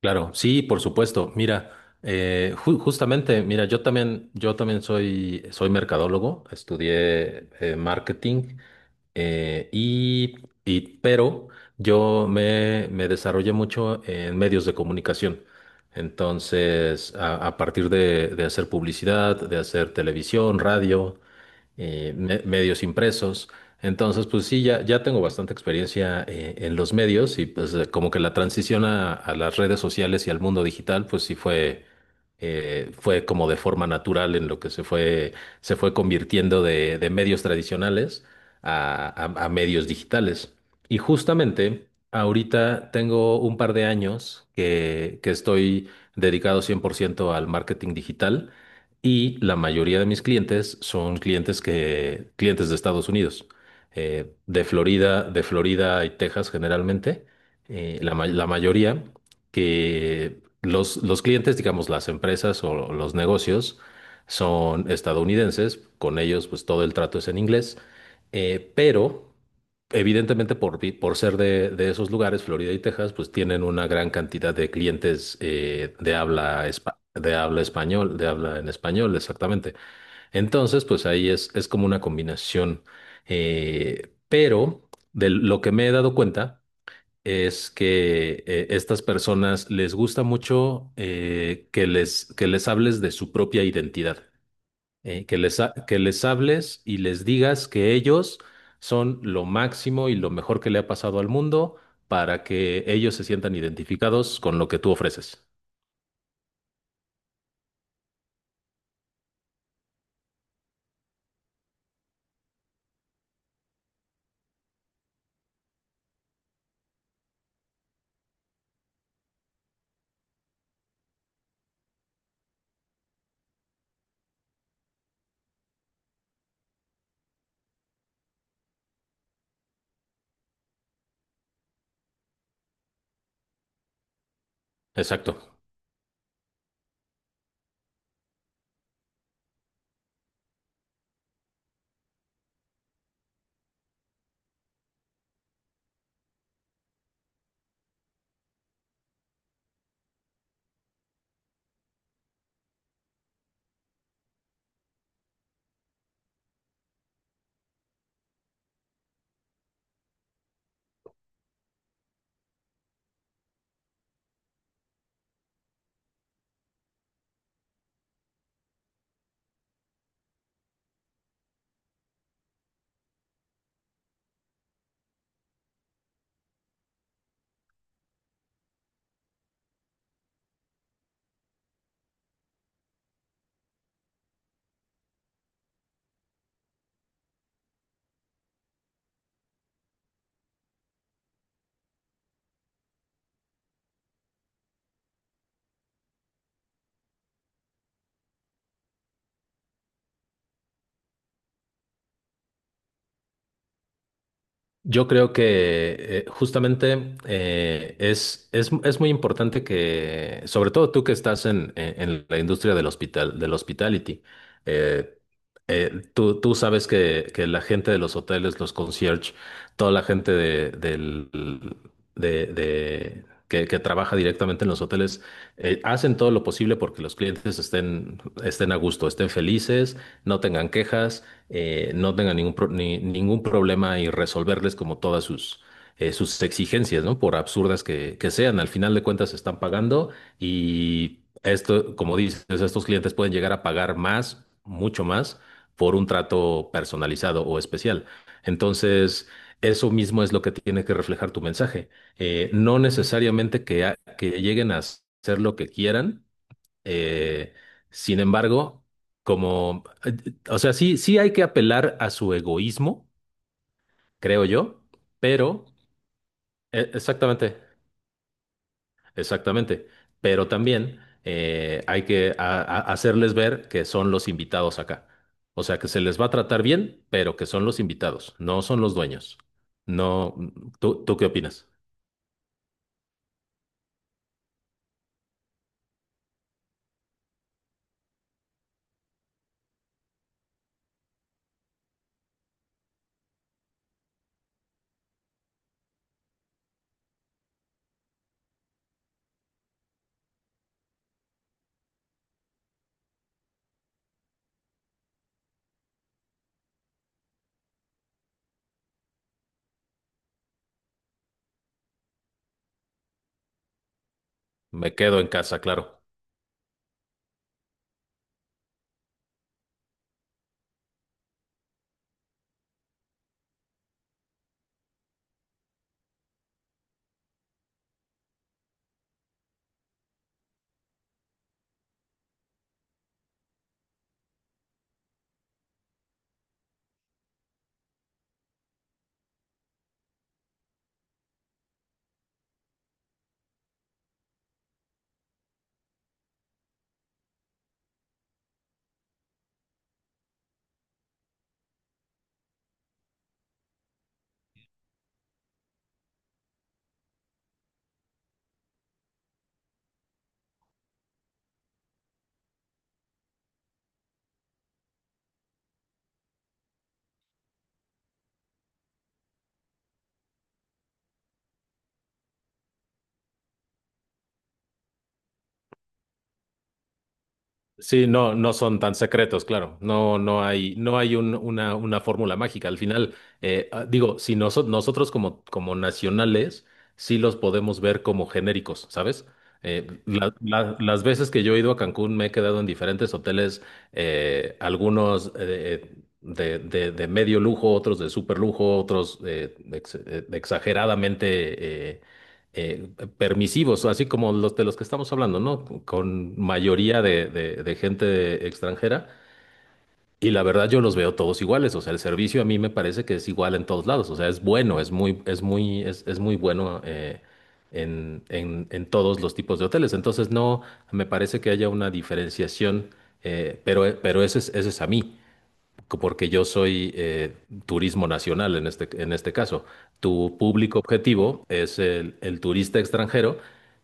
Claro, sí, por supuesto. Mira, justamente, mira, yo también soy, soy mercadólogo, estudié marketing eh, y, pero me desarrollé mucho en medios de comunicación. Entonces, a partir de hacer publicidad, de hacer televisión, radio medios impresos. Entonces, pues sí, ya tengo bastante experiencia en los medios y pues como que la transición a las redes sociales y al mundo digital, pues sí fue como de forma natural en lo que se fue convirtiendo de medios tradicionales a medios digitales. Y justamente ahorita tengo un par de años que estoy dedicado 100% al marketing digital. Y la mayoría de mis clientes son clientes de Estados Unidos, de Florida y Texas generalmente, la mayoría que los clientes, digamos, las empresas o los negocios son estadounidenses. Con ellos pues todo el trato es en inglés, pero evidentemente, por ser de esos lugares, Florida y Texas, pues tienen una gran cantidad de clientes de habla español, de habla en español, exactamente. Entonces, pues ahí es como una combinación. Eh, pero de lo que me he dado cuenta es que estas personas les gusta mucho que les hables de su propia identidad que les hables y les digas que ellos son lo máximo y lo mejor que le ha pasado al mundo para que ellos se sientan identificados con lo que tú ofreces. Exacto. Yo creo que justamente es muy importante que, sobre todo tú que estás en, en la industria del del hospitality, eh, tú sabes que la gente de los hoteles, los concierge, toda la gente de, del, de- que trabaja directamente en los hoteles, hacen todo lo posible porque los estén a gusto, estén felices, no tengan quejas no tengan ningún, pro- ni- ningún problema, y resolverles como todas sus, sus exigencias, ¿no? Por absurdas que sean, al final de cuentas están pagando y esto, como dices, estos clientes pueden llegar a pagar mucho más, por un trato personalizado o especial. Entonces, eso mismo es lo que tiene que reflejar tu mensaje. No necesariamente que lleguen a hacer lo que quieran eh, sin embargo, como, o sea, sí hay que apelar a su egoísmo, creo yo, pero, exactamente, exactamente, pero también hay que hacerles ver que son los invitados acá. O sea, que se les va a tratar bien, pero que son los invitados, no son los dueños. No, ¿tú, tú qué opinas? Me quedo en casa, claro. Sí, no, no son tan secretos, claro. No, no hay una fórmula mágica. Al final, ah, digo, si nosotros como, como nacionales, sí los podemos ver como genéricos, ¿sabes? Las veces que yo he ido a Cancún me he quedado en diferentes hoteles, algunos de medio lujo, otros de super lujo, otros exageradamente eh, permisivos, así como los de los que estamos hablando, ¿no? Con mayoría de gente extranjera. Y la verdad yo los veo todos iguales, o sea, el servicio a mí me parece que es igual en todos lados, o sea, es bueno, es muy bueno en, en todos los tipos de hoteles. Entonces no me parece que haya una diferenciación, pero, ese es a mí porque yo soy turismo nacional en este caso. Tu público objetivo es el turista extranjero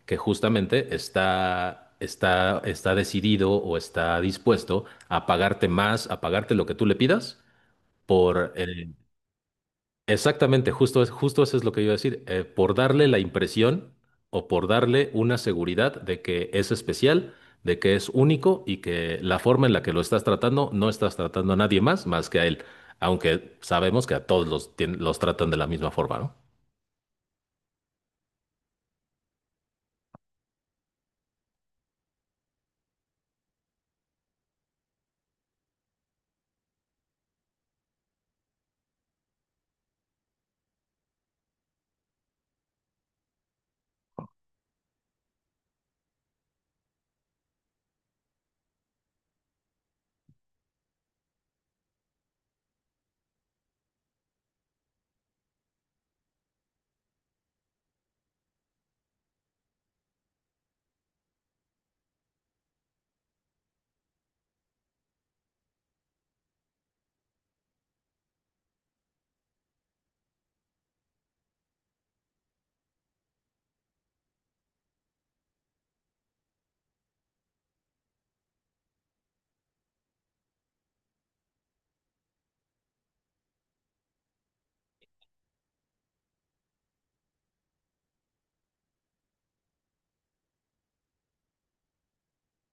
que justamente está decidido o está dispuesto a pagarte más, a pagarte lo que tú le pidas por, eh, exactamente, justo eso es lo que iba a decir. Eh, por darle la impresión o por darle una seguridad de que es especial, de que es único y que la forma en la que lo estás tratando, no estás tratando a nadie más más que a él, aunque sabemos que a todos los tratan de la misma forma, ¿no?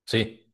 Sí.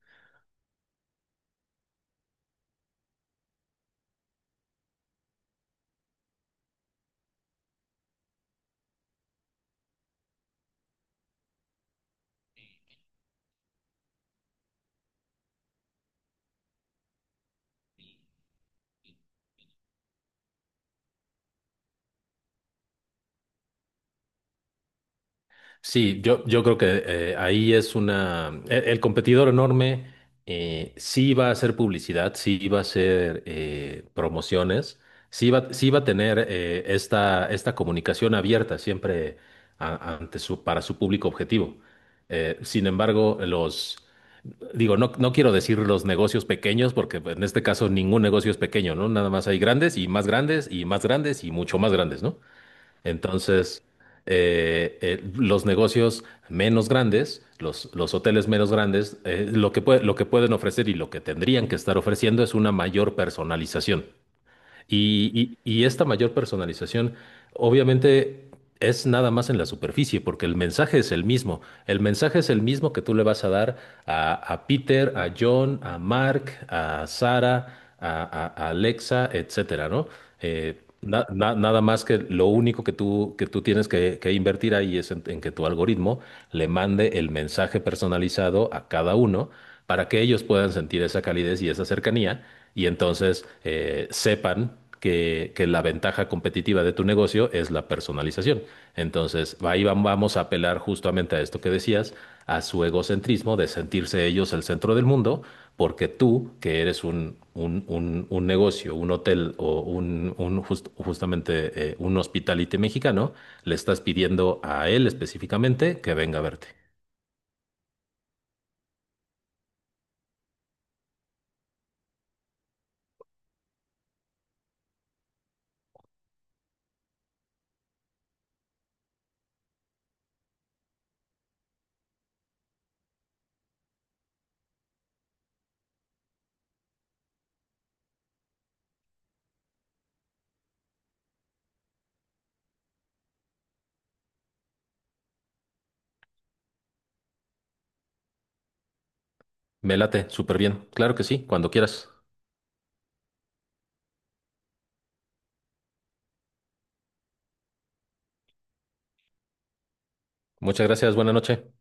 Sí, yo creo que ahí es una... el competidor enorme sí va a hacer publicidad, sí va a hacer promociones, sí va a tener esta comunicación abierta siempre ante su, para su público objetivo. Sin embargo, los... Digo, no, no quiero decir los negocios pequeños, porque en este caso ningún negocio es pequeño, ¿no? Nada más hay grandes y más grandes y más grandes y mucho más grandes, ¿no? Entonces, los negocios menos grandes, los hoteles menos grandes, lo lo que pueden ofrecer y lo que tendrían que estar ofreciendo es una mayor personalización. Y, y esta mayor personalización, obviamente, es nada más en la superficie, porque el mensaje es el mismo. El mensaje es el mismo que tú le vas a dar a Peter, a John, a Mark, a Sara, a Alexa, etcétera, ¿no? Nada más que lo único que tú tienes que invertir ahí es en que tu algoritmo le mande el mensaje personalizado a cada uno para que ellos puedan sentir esa calidez y esa cercanía y entonces sepan que la ventaja competitiva de tu negocio es la personalización. Entonces, ahí vamos a apelar justamente a esto que decías, a su egocentrismo de sentirse ellos el centro del mundo porque tú, que eres un, un negocio, un hotel o un, justamente un hospitality mexicano, le estás pidiendo a él específicamente que venga a verte. Me late, súper bien. Claro que sí, cuando quieras. Muchas gracias, buena noche.